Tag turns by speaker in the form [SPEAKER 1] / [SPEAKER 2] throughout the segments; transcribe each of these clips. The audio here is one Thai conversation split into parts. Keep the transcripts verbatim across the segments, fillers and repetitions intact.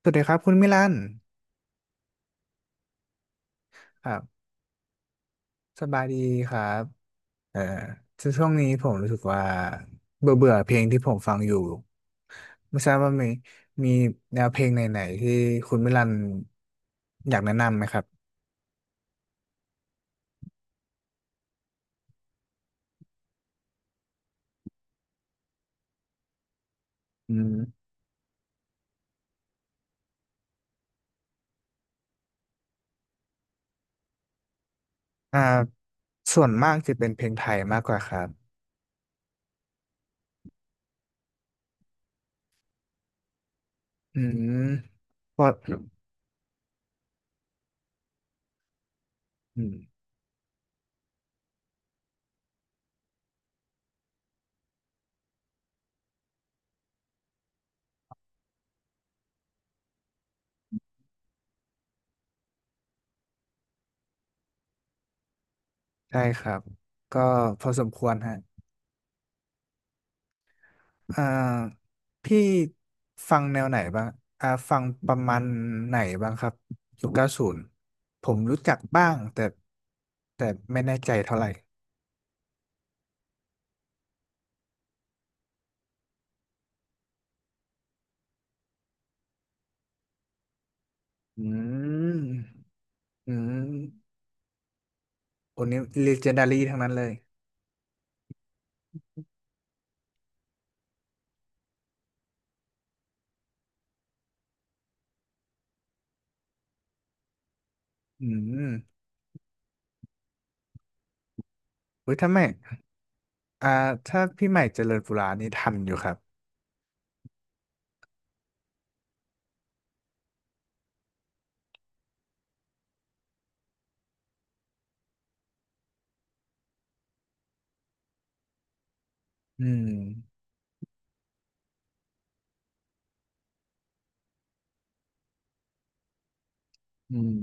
[SPEAKER 1] สวัสดีครับคุณมิลันครับสบายดีครับเอ่อช่วงนี้ผมรู้สึกว่าเบื่อเบื่อเพลงที่ผมฟังอยู่ไม่ทราบว่ามีมีแนวเพลงไหนๆที่คุณมิลันอยากแนะนำไหมครับอืมอ่าส่วนมากจะเป็นเพลงไทยมากกว่าครับอืมพออืมใช่ครับก็พอสมควรฮะ อ่าพี่ฟังแนวไหนบ้างอ่าฟังประมาณไหนบ้างครับยุคเก้าศูนย์ผมรู้จักบ้างแต่แต่ไม่แน่ใจเท่าไหร่อืมอืมคนนี้ legendary ทั้งนั้นเลยอืมเฮ้ยถ้าไม่อ่าถ้าพี่ใหม่เจริญปุรานี่ทันอยู่ครับอืมอืม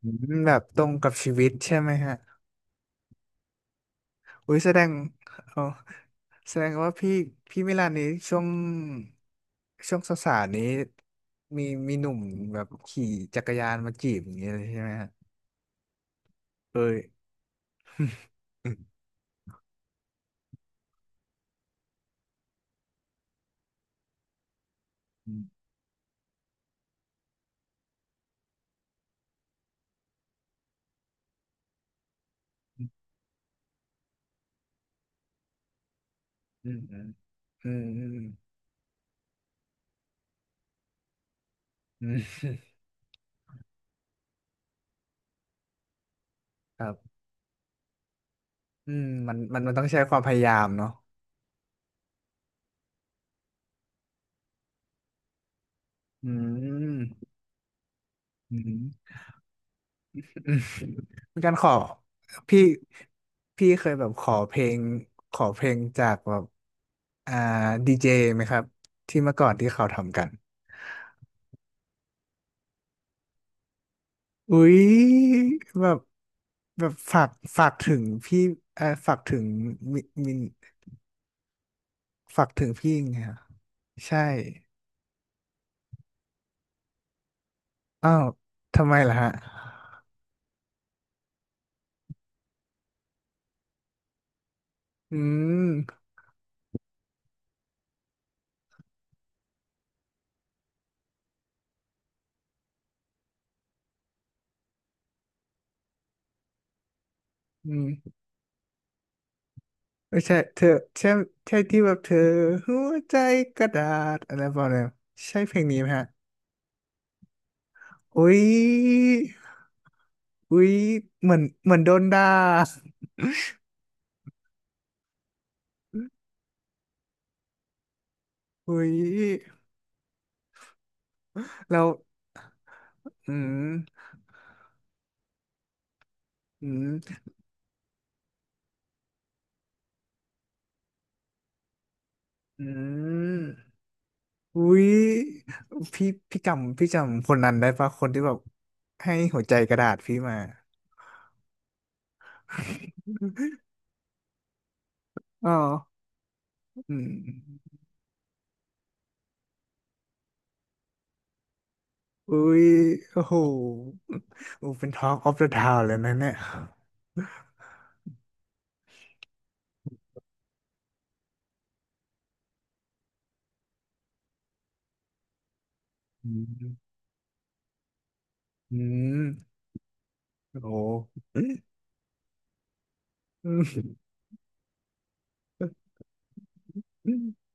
[SPEAKER 1] อืมแบบตรงกับชีวิตใช่ไหมฮะอุ้ยแสดงเออ แสดงว่าพี่พี่มิลานนี้ช่วงช่วงสาวๆนี้มีมีหนุ่มแบบขี่จักรยานมาจีบอย่างเงี้ยเลยใช่ไหมฮะเอ้ย อืมอืมอืมอืมอืมอืมครับอืมมันมันมันต้องใช้ความพยายามเนาะอืมอืมอืมเป็นการขอพี่พี่เคยแบบขอเพลงขอเพลงจากแบบอ่าดีเจไหมครับที่เมื่อก่อนที่เขาทำกัน อุ๊ยแบบแบบฝากฝากถึงพี่เออฝากถึงมิมินฝากถึงพี่ไงฮะใช่อ้าวทำไมล่ะฮะอืมอืมไม่ใช่เธอใช่ใช่ที่แบบเธอหัวใจกระดาษอะไรประมาณนั้นใช่เพลงนี้ไหมฮะอุ๊ยอุ๊ยเหมือนเหมือนโดนด่าอุ๊ยเราอืมอืมอืม อุ้ยพี่พี่จำพี่จำคนนั้นได้ปะคนที่แบบให้หัวใจกระดาษพี่มา อ๋ออืมอุ้ยโอ้โหโอ้เป็นท t ออฟ of the Town เลยนะเนี่ยอืมอืมโอ้โหอืมอื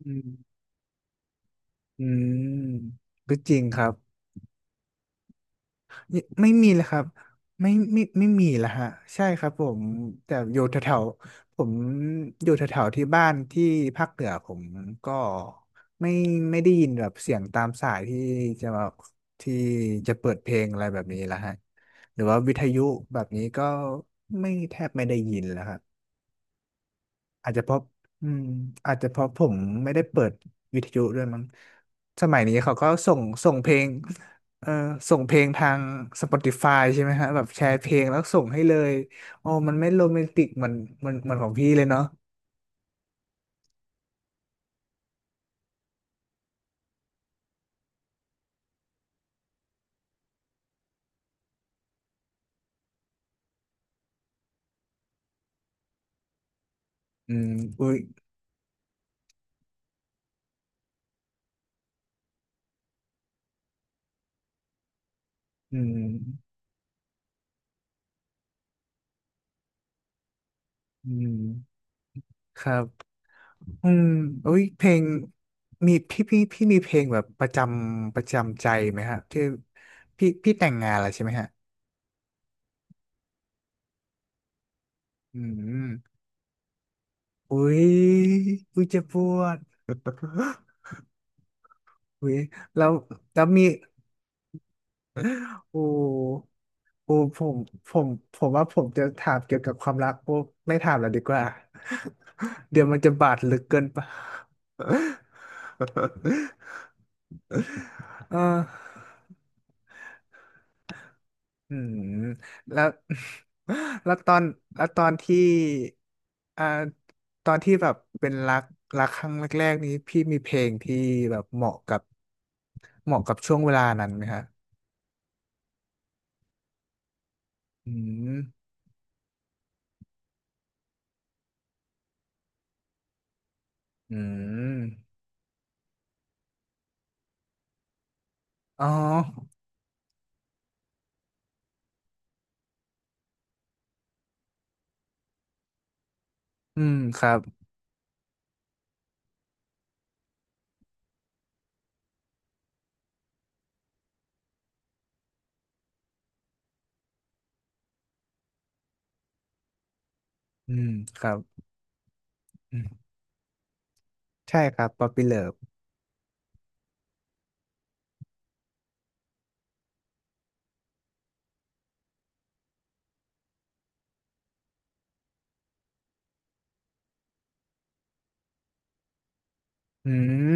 [SPEAKER 1] มอืมก็จริงครับ ไม่ไม่มีเลยครับ ไม่ไม่ไม่มีละฮะใช่ครับผม แต่อยู่แถวๆผมอยู่แถวๆที่บ้านที่ภาคเหนือผมก็ไม่ไม่ได้ยินแบบเสียงตามสายที่จะแบบที่จะเปิดเพลงอะไรแบบนี้ละฮะหรือว่าวิทยุแบบนี้ก็ไม่แทบไม่ได้ยินแล้วฮะ อาจจะเพราะอืมอาจจะเพราะผมไม่ได้เปิดวิทยุด้วยมั้งสมัยนี้เขาก็ส่งส่งเพลงเออส่งเพลงทาง Spotify ใช่ไหมฮะ แบบแชร์เพลงแล้วส่งให้เลยอ๋อมันไม่โรแมนติกเหมือนเหมันเหมือนของพี่เลยเนาะอืม อุ้ยอืมอืมครับอืมอุ้ยเพลงมีพี่พี่พี่มีเพลงแบบประจำประจำใจไหมฮะที่พี่พี่แต่งงานแล้วใช่ไหมฮะอืม อุ้ยอุ้ยเจ็บปวด อุ้ยแล้วแล้วมีโอ้โอ้ผมผมผมว่าผมจะถามเกี่ยวกับความรักโอ้ไม่ถามแล้วดีกว่า เดี๋ยวมันจะบาดลึกเกินไป เออ อืมแล้ว แล้วตอนแล้วตอนที่อ่าตอนที่แบบเป็นรักรักครั้งแรกๆนี้พี่มีเพลงที่แบบเหมาะกับเหมาะกับช่วงเวลานั้นไหมฮะอืมอืมอ๋ออืมครับอืมครับอืมใช่ครับป๊อปปี้เลิฟอืม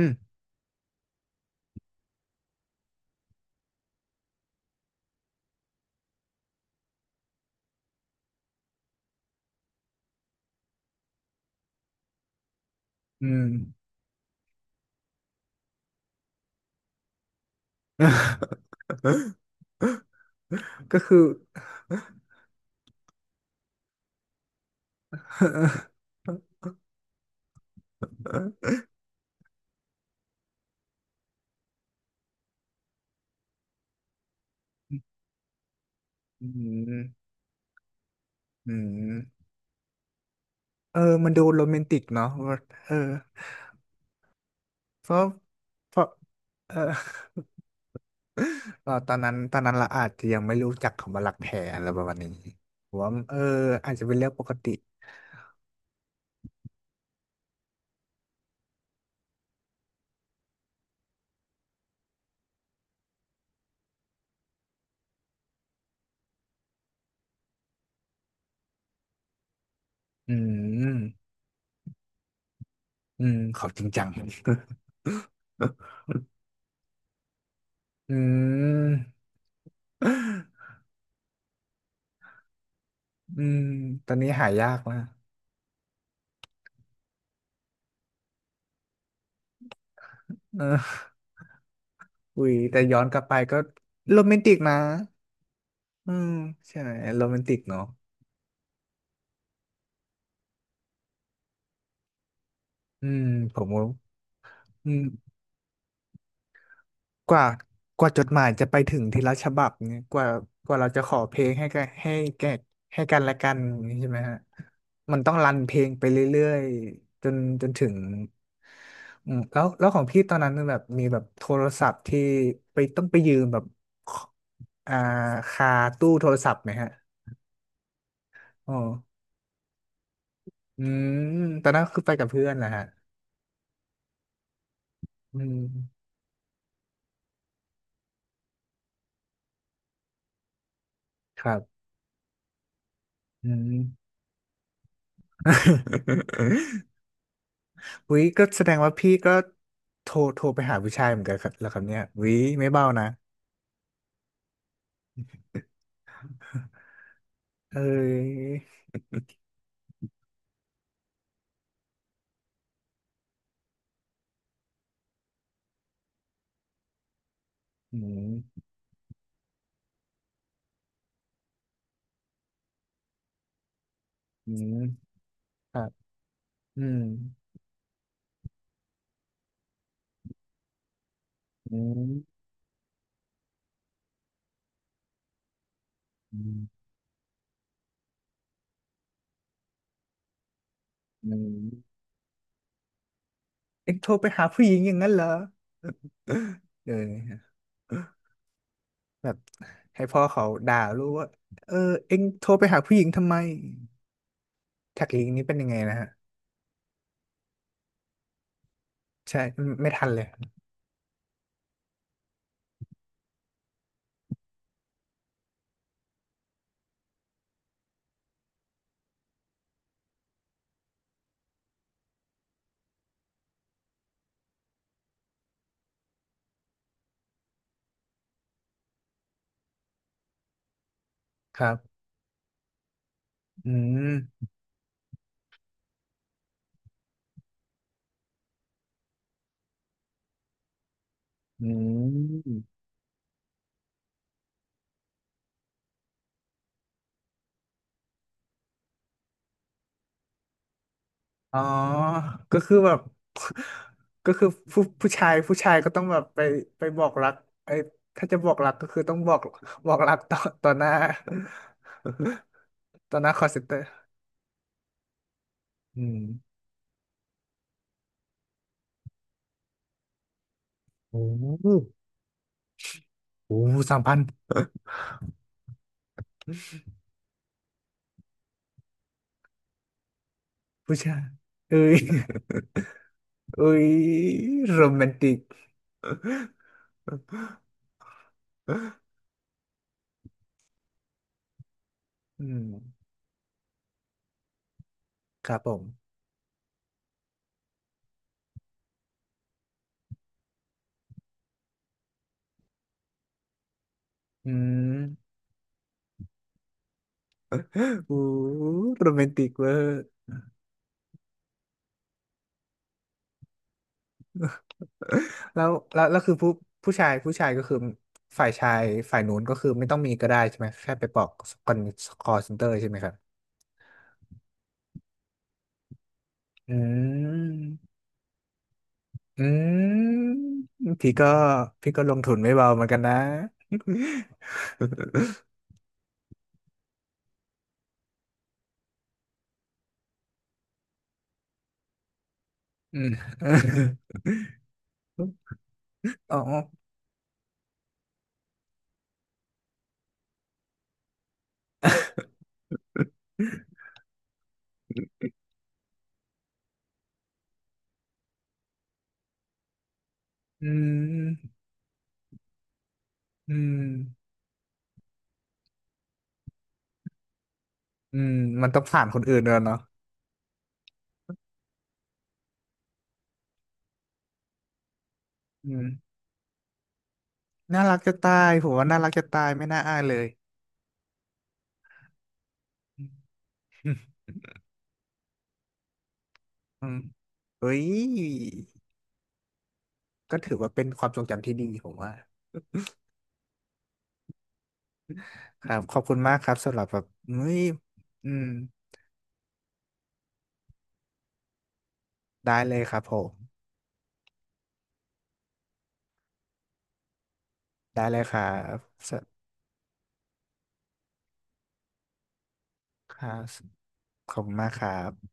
[SPEAKER 1] อืม ก็คือ อืมอืม เออมันดูโรแมนติกเนาะเออเพราะเพราะเออ ก็ตอนนั้นตอนนั้นเราอาจจะยังไม่รู้จักคำว่ารักแท้อะไรประมาณนี้ผมว่าเอออาจจะเป็นเรื่องปกติ อืมอืมเขาจริงจัง อืมอืมตอนนี้หายากนะเอออุ้ยแต่ย้อนกลับไปก็โรแมนติกนะอืมใช่ไหมโรแมนติกเนาะอืมผมว่าอืม กว่ากว่าจดหมายจะไปถึงทีละฉบับเนี่ยกว่ากว่าเราจะขอเพลงให้กันให้แก่ให้กันและกันอย่างนี้ใช่ไหมฮะมันต้องรันเพลงไปเรื่อยๆจนจนถึงอืมแล้วแล้วของพี่ตอนนั้นแบบมีแบบโทรศัพท์ที่ไปต้องไปยืมแบบขอ่าคาตู้โทรศัพท์ไหมฮะอ๋ออืมตอนนั้นคือไปกับเพื่อนแหละฮะอืมครับอืม วิก็แสดงว่าพี่ก็โทรโทรไปหาผู้ชายเหมือนกันครับแล้วครับเนี่ยวิไม่เบานะเอ้ยอืมอืมครับอืมอืมอืมอืมเอ็งโทรไปหาผู้หญิงอย่างนั้นเหรอ เออแบบให้พ่อเขาด่ารู้ว่าเออเอ็งโทรไปหาผู้หญิงทำไมแท็กลิงนี้เป็นยังไงนะฮะใช่ไม่ไม่ทันเลยครับอืมอืม อ๋อก็คือแบบ ก็คือผู้ผู้ชายผู้ชายก็ต้องแบบไปไปบอกรักไอ้ถ้าจะบอกรักก็คือต้องบอก บอกรักต่อต่อหน้า ต่อหน้าคอลเซ็นเตอร์อืมโอ้โหโอ้สามพันผู้ชายเอ้ย เอ้ยโรแมนติกอืมครับผมอืมโอ้โหโรแมนติกเวอร์ แล้วแล้วแล้วคือผู้ผู้ชายผู้ชายก็คือฝ่ายชายฝ่ายนู้นก็คือไม่ต้องมีก็ได้ใช่ไหมแค่ไปบอกคอนคอลเซ็นเตอร์ใช่ไหมครับอืมอืมพี่ก็พี่ก็ลงทุนไม่เบาเหมือนกันนะ อืมอ๋ออืมอืมอืมมันต้องผ่านคนอื่นด้วยเนาะอืมน่ารักจะตายผมว่าน่ารักจะตายไม่น่าอายเลยอืมอืมเฮ้ยก็ถือว่าเป็นความทรงจำที่ดีผมว่า ครับขอบคุณมากครับสำหรับแบบเฮ้ยอืมได้เลยครับผมได้เลยครับสครับขอบคุณมากครับ